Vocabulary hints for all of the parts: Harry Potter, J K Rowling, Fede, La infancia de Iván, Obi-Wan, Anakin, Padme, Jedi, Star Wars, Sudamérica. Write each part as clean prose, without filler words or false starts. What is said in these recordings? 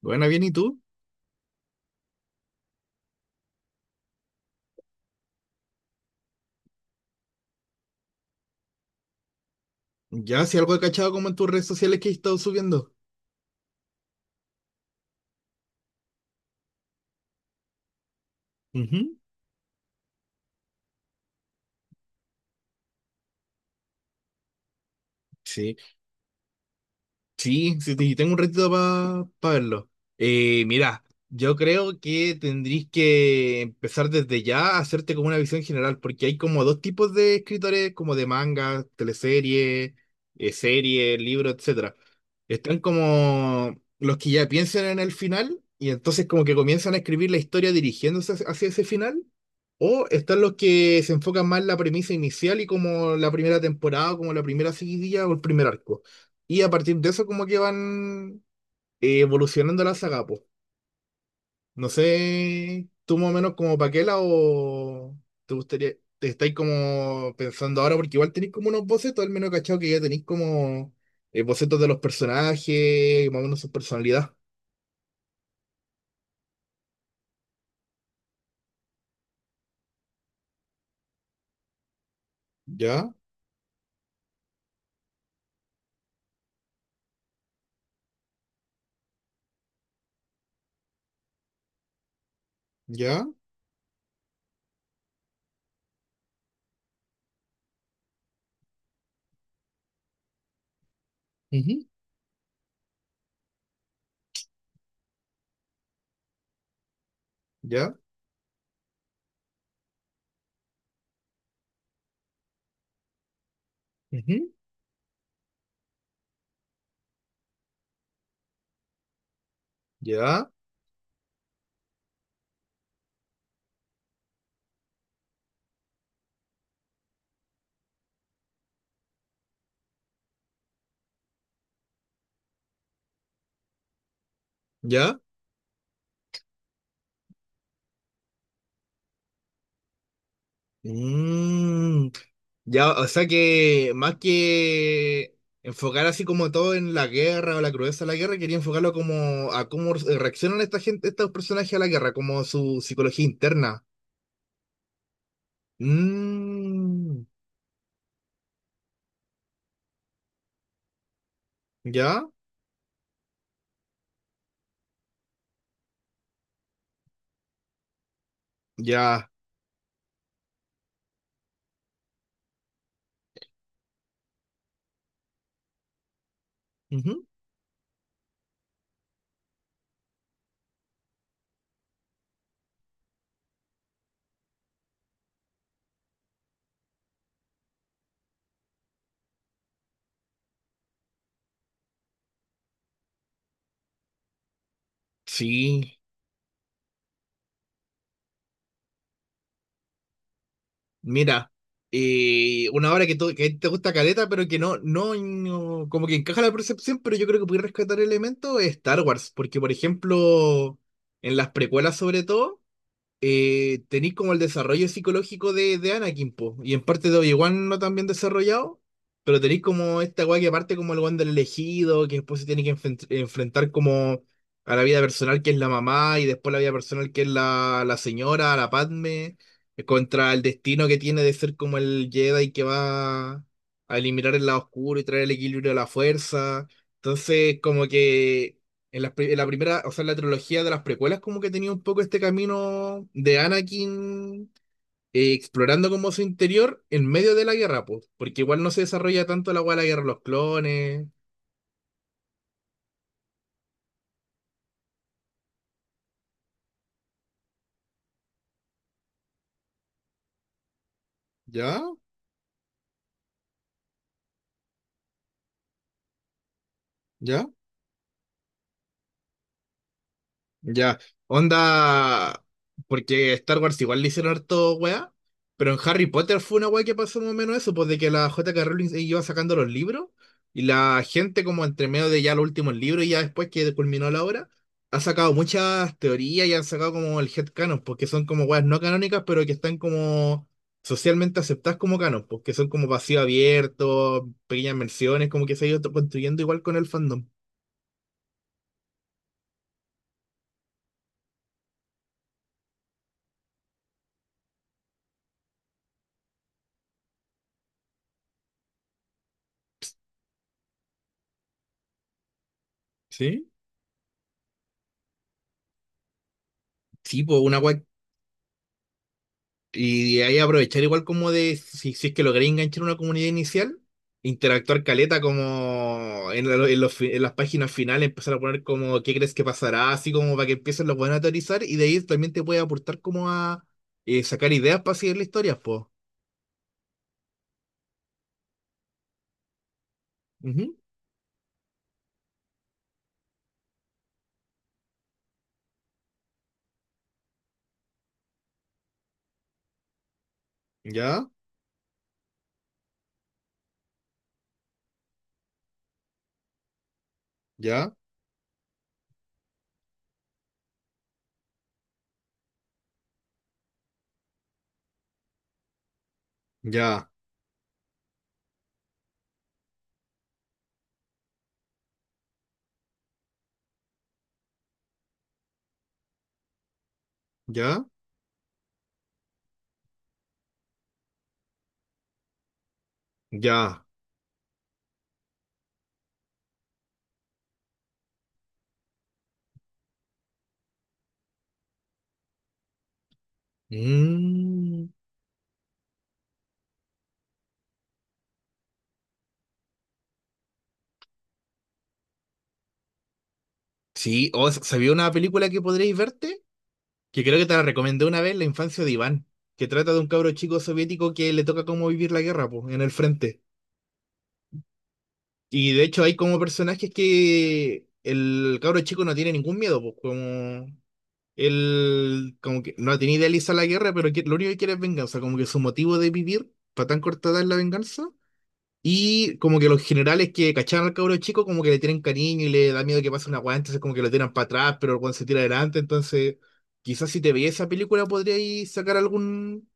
Bueno, bien, ¿y tú? Ya, si algo he cachado como en tus redes sociales que he estado subiendo. Ujú. Sí, sí, sí, tengo un ratito para verlo. Mira, yo creo que tendrías que empezar desde ya a hacerte como una visión general, porque hay como dos tipos de escritores, como de manga, teleserie, serie, libro, etcétera. Están como los que ya piensan en el final y entonces como que comienzan a escribir la historia dirigiéndose hacia ese final. O están los que se enfocan más en la premisa inicial y como la primera temporada, como la primera seguidilla o el primer arco. Y a partir de eso como que van evolucionando la saga, po. No sé, tú más o menos como Paquela o te gustaría, te estáis como pensando ahora porque igual tenéis como unos bocetos, al menos cachado que ya tenéis como bocetos de los personajes, más o menos su personalidad. Ya, ya, ujú, ya, ujú, ya, ya. Mm, ya, o sea que más que enfocar así como todo en la guerra o la crudeza de la guerra, quería enfocarlo como a cómo reaccionan esta gente, estos personajes a la guerra, como su psicología interna. Mm, ya, ya. Ujú. Sí, mira, una obra que, que te gusta caleta, pero que como que encaja la percepción, pero yo creo que puede rescatar elementos es Star Wars, porque por ejemplo, en las precuelas sobre todo. Tenéis como el desarrollo psicológico de, Anakin, po, y en parte de Obi-Wan no tan bien desarrollado, pero tenéis como esta weá que parte como el weón del elegido, que después se tiene que enfrentar como a la vida personal que es la mamá, y después la vida personal que es la, la señora, la Padme, contra el destino que tiene de ser como el Jedi que va a eliminar el lado oscuro y traer el equilibrio a la fuerza. Entonces, como que en la primera, o sea, en la trilogía de las precuelas, como que tenía un poco este camino de Anakin explorando como su interior en medio de la guerra, pues, porque igual no se desarrolla tanto la hueá de la guerra de los clones. ¿Ya? ¿Ya? Ya, onda, porque Star Wars igual le hicieron harto weá, pero en Harry Potter fue una weá que pasó más o menos eso, pues de que la JK Rowling iba sacando los libros y la gente como entre medio de ya los últimos libros y ya después que culminó la obra, ha sacado muchas teorías y han sacado como el headcanon, porque son como weas no canónicas, pero que están como socialmente aceptadas como canon, porque son como vacío abierto, pequeñas menciones, como que se ha ido construyendo igual con el fandom. ¿Sí? Sí, pues una weá. Y de ahí aprovechar igual como de, si, si es que logré enganchar una comunidad inicial, interactuar caleta como en, en los en las páginas finales, empezar a poner como qué crees que pasará, así como para que empiecen los buenos a teorizar y de ahí también te puede aportar como a sacar ideas para seguir la historia, pues. Ujú. Ya, ya, ya, ya, ya. Mm. Sí, ¿sabía una película que podréis verte? Que creo que te la recomendé una vez, La infancia de Iván, que trata de un cabro chico soviético que le toca cómo vivir la guerra, pues, en el frente. Y de hecho hay como personajes que el cabro chico no tiene ningún miedo, pues, como él como que no tiene idealiza la guerra, pero lo único que quiere es venganza, como que su motivo de vivir para tan cortada es la venganza. Y como que los generales que cacharon al cabro chico, como que le tienen cariño y le da miedo que pase una weá, entonces como que lo tiran para atrás, pero cuando se tira adelante, entonces quizás si te veías esa película podríais sacar algún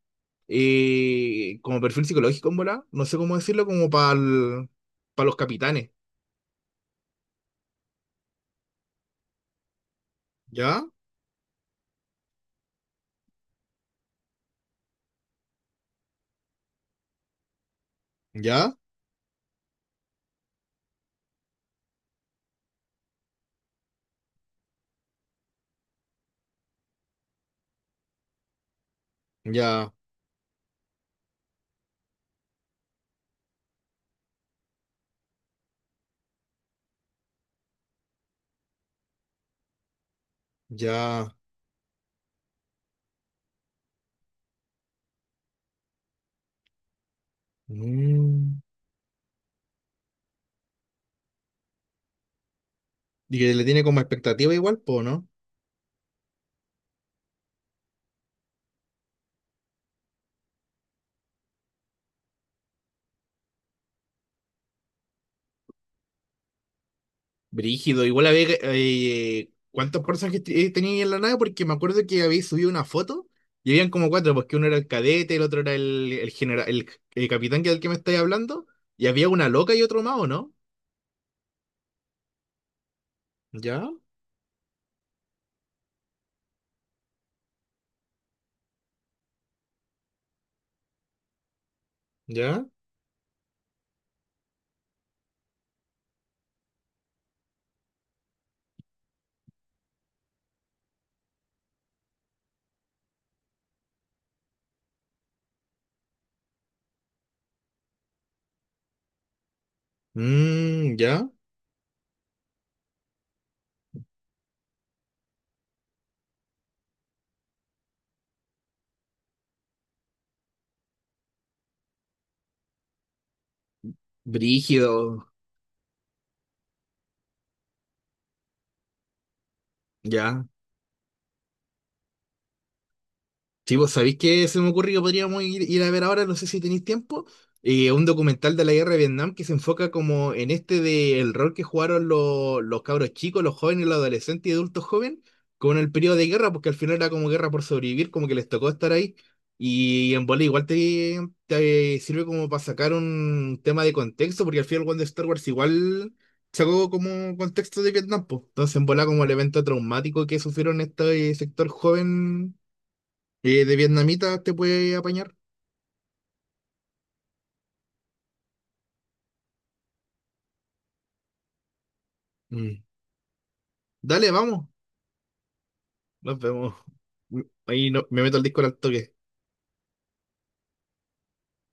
como perfil psicológico en volá, no sé cómo decirlo, como para los capitanes. ¿Ya? ¿Ya? ¿Ya? ¿Ya? Mm. Y que le tiene como expectativa igual, po, ¿no? Brígido, igual a ver cuántos personajes tenía ahí en la nave, porque me acuerdo que habéis subido una foto y habían como cuatro, porque uno era el cadete, el otro era el general, el capitán que del que me estáis hablando, y había una loca y otro más, ¿o no? Ya, ya, mm, ya, brígido, ya. Sí, vos sabéis que se me ocurrió podríamos ir, ir a ver ahora, no sé si tenéis tiempo, un documental de la guerra de Vietnam que se enfoca como en este de el rol que jugaron los cabros chicos, los jóvenes, los adolescentes y adultos jóvenes con el periodo de guerra, porque al final era como guerra por sobrevivir, como que les tocó estar ahí. Y en bola igual te, te sirve como para sacar un tema de contexto, porque al final cuando Star Wars igual sacó como contexto de Vietnam, pues. Entonces en bola como el evento traumático que sufrieron este sector joven de vietnamita te puede apañar. Mm. Dale, vamos. Nos vemos. Ahí no, me meto al disco al toque.